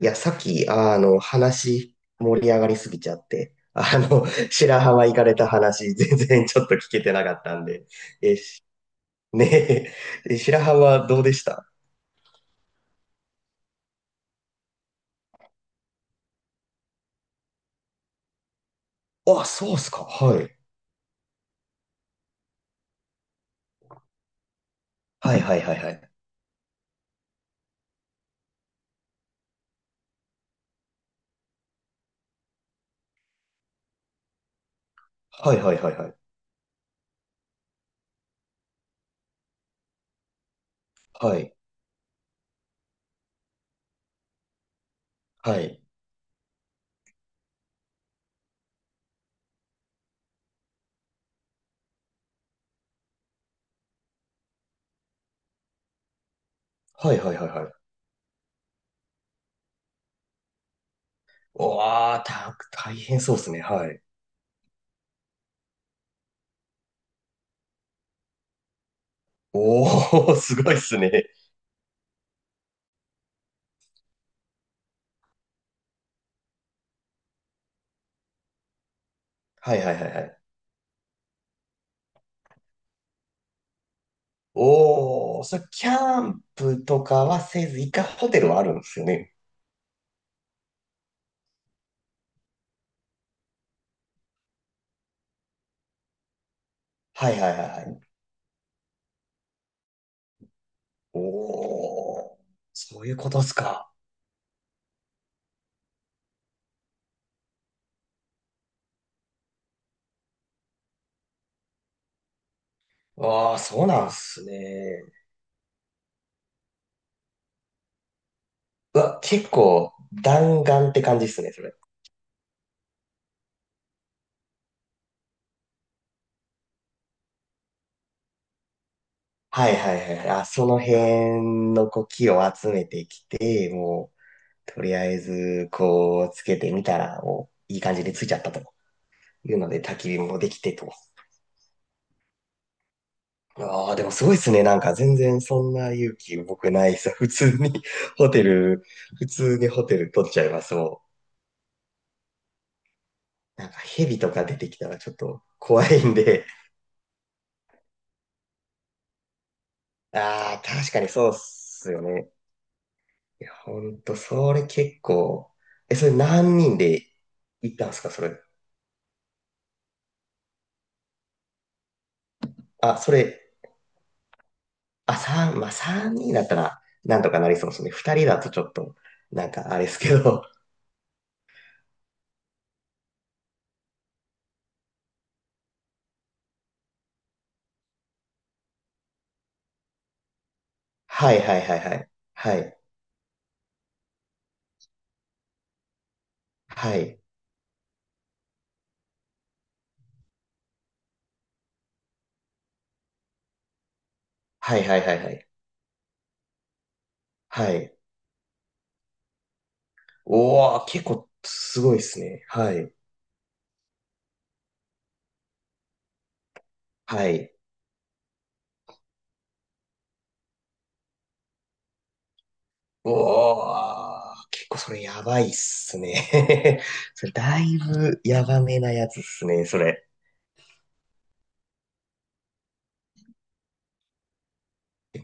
いや、さっき、話、盛り上がりすぎちゃって、白浜行かれた話、全然ちょっと聞けてなかったんで、え、しねえ、え白浜どうでした？あ、そうっすか。はい。はいはいはいはい。はいはいはいはい。はい。はい。はいはいはいはい。うわー、た、大変そうっすね。はい。おー、すごいっすね。はいはいはいはい。おー、それ、キャンプとかはせず、一回ホテルはあるんですよね？はいはいはいはい。おー、そういうことっすか。ああ、そうなんすね。うわ、結構弾丸って感じっすね、それ。はいはいはい。あ、その辺のこう木を集めてきて、もう、とりあえず、こう、つけてみたら、もう、いい感じでついちゃったというので、焚き火もできてと。ああ、でもすごいっすね。なんか全然そんな勇気僕ないっす。普通に ホテル、普通にホテル取っちゃいます、もう。なんか蛇とか出てきたらちょっと怖いんで。ああ、確かにそうっすよね。いや、ほんと、それ結構、え、それ何人で行ったんすか、それ。あ、それ、あ、三、まあ、三人だったら、なんとかなりそうですね。二人だとちょっと、なんかあれですけど。はいはいはいはい。はい。はい。はいはいはいはい。はい。おー、結構すごいっすね。はい。はい。おー、結構それやばいっすね。それだいぶやばめなやつっすね、それ。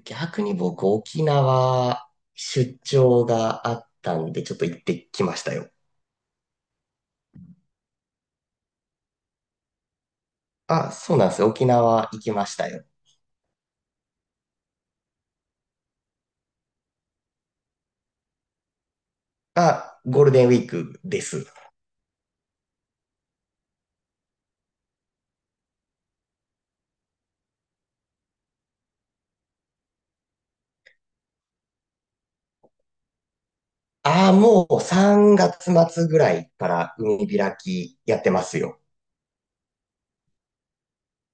逆に僕、沖縄出張があったんで、ちょっと行ってきましたよ。あ、そうなんですよ。沖縄行きましたよ。あ、ゴールデンウィークです。あ、もう3月末ぐらいから海開きやってますよ。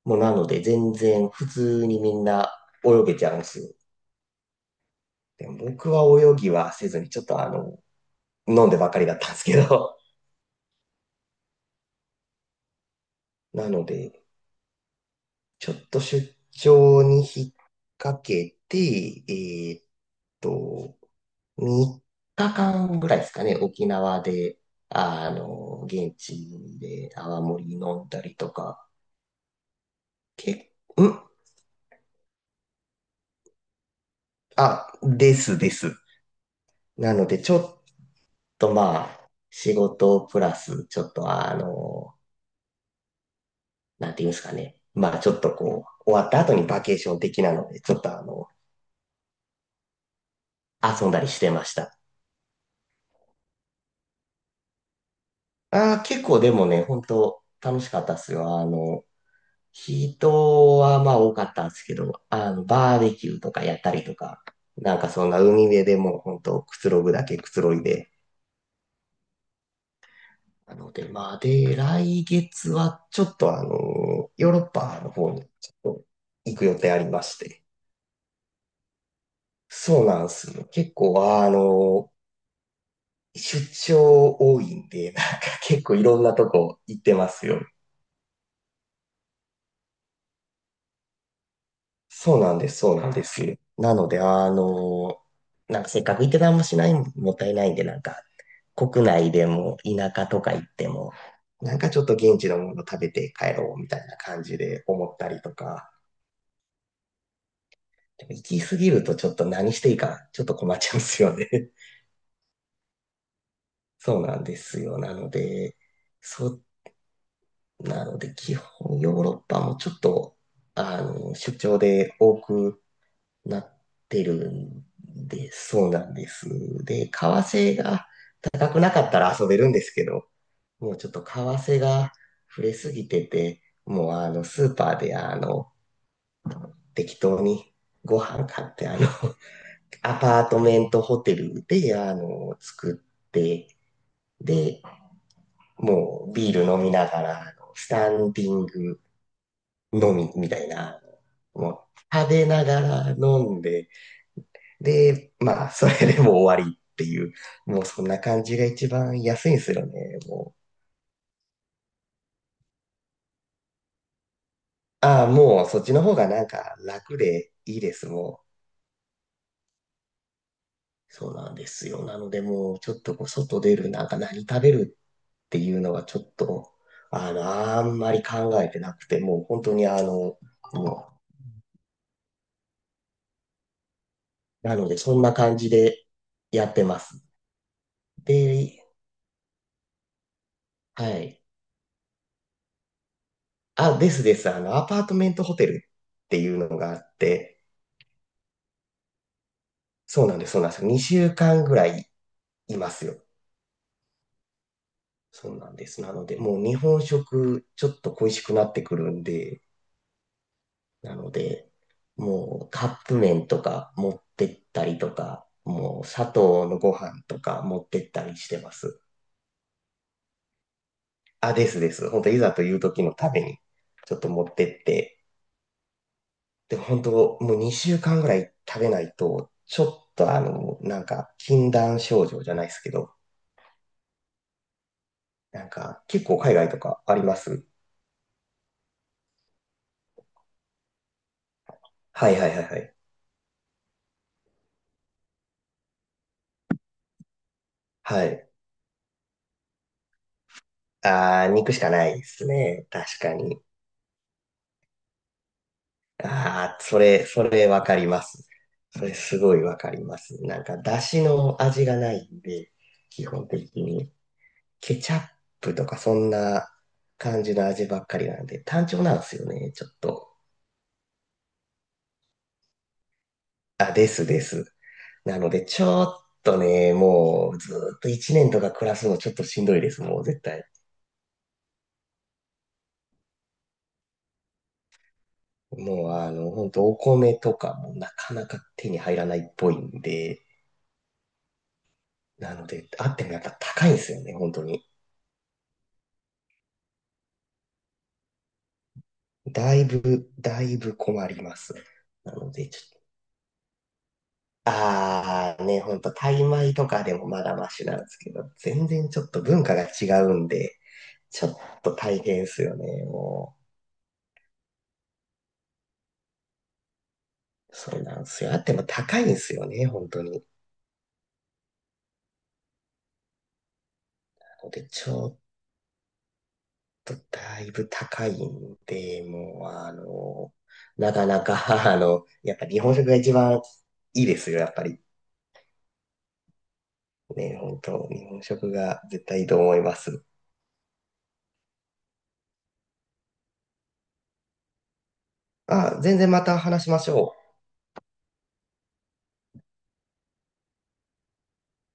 もうなので全然普通にみんな泳げちゃうんですよ。でも僕は泳ぎはせずにちょっと、飲んでばかりだったんですけど。なので、ちょっと出張に引っ掛けて、と、3日間ぐらいですかね、沖縄で、あの、現地で泡盛飲んだりとか、け、ん、あ、ですです。なので、ちょっとまあ、仕事プラス、ちょっと、なんていうんですかね。まあ、ちょっとこう、終わった後にバケーション的なので、ちょっと、遊んだりしてました。ああ、結構でもね、本当楽しかったっすよ。あの、人はまあ多かったんですけど、あの、バーベキューとかやったりとか、なんかそんな海辺でもう本当くつろぐだけくつろいで。なので、まあで、来月はちょっと、ヨーロッパの方にちょっと行く予定ありまして。そうなんですよ。結構あの、出張多いんで、なんか結構いろんなとこ行ってますよ。そうなんです、そうなんです。なので、あの、なんかせっかく行ってたんもしないもったいないんで、なんか国内でも田舎とか行っても、なんかちょっと現地のもの食べて帰ろうみたいな感じで思ったりとか、でも行き過ぎるとちょっと何していいかちょっと困っちゃうんですよね。そうなんですよ。なので、そう、なので基本ヨーロッパもちょっと、あの、出張で多くなってるんで、そうなんです。で、為替が高くなかったら遊べるんですけど、もうちょっと為替が触れすぎてて、もうあの、スーパーであの、適当にご飯買って、あの、アパートメントホテルで、あの、作って、で、もうビール飲みながら、あのスタンディング飲みみたいな、もう食べながら飲んで、で、まあ、それでもう終わりっていう、もうそんな感じが一番安いんですよね、もう。ああ、もうそっちの方がなんか楽でいいです、もう。そうなんですよ。なのでもうちょっとこう外出る、なんか何食べるっていうのがちょっと、あの、あんまり考えてなくて、もう本当にあの、もう、なのでそんな感じでやってます。で、はい。あ、ですです。あの、アパートメントホテルっていうのがあって、そうなんです、そうなんです。2週間ぐらいいますよ。そうなんです。なので、もう日本食ちょっと恋しくなってくるんで、なので、もうカップ麺とか持ってったりとか、もう砂糖のご飯とか持ってったりしてます。あ、ですです。本当いざという時のために、ちょっと持ってって。で、本当もう2週間ぐらい食べないと、ちょっと、なんか、禁断症状じゃないですけど、なんか、結構海外とかあります？はいはいはいはい。はい。あー、肉しかないですね。確かに。ああ、それ、それわかります。それすごいわかります。なんか、だしの味がないんで、基本的に。ケチャップとかそんな感じの味ばっかりなんで、単調なんですよね、ちょっと。あ、ですです。なので、ちょっとね、もうずーっと1年とか暮らすのちょっとしんどいです、もう絶対。もうあの、ほんとお米とかもなかなか手に入らないっぽいんで、なので、あってもやっぱ高いんですよね、本当に。だいぶ、だいぶ困ります。なので、ちょっと、ああね、ほんと、タイ米とかでもまだマシなんですけど、全然ちょっと文化が違うんで、ちょっと大変ですよね、もう。そうなんですよ。あっても高いんですよね、本当に。なので、ちょっとだいぶ高いんで、もう、あの、なかなか、あの、やっぱ日本食が一番いいですよ、やっぱり。ね、本当、日本食が絶対いいと思います。あ、全然また話しましょう。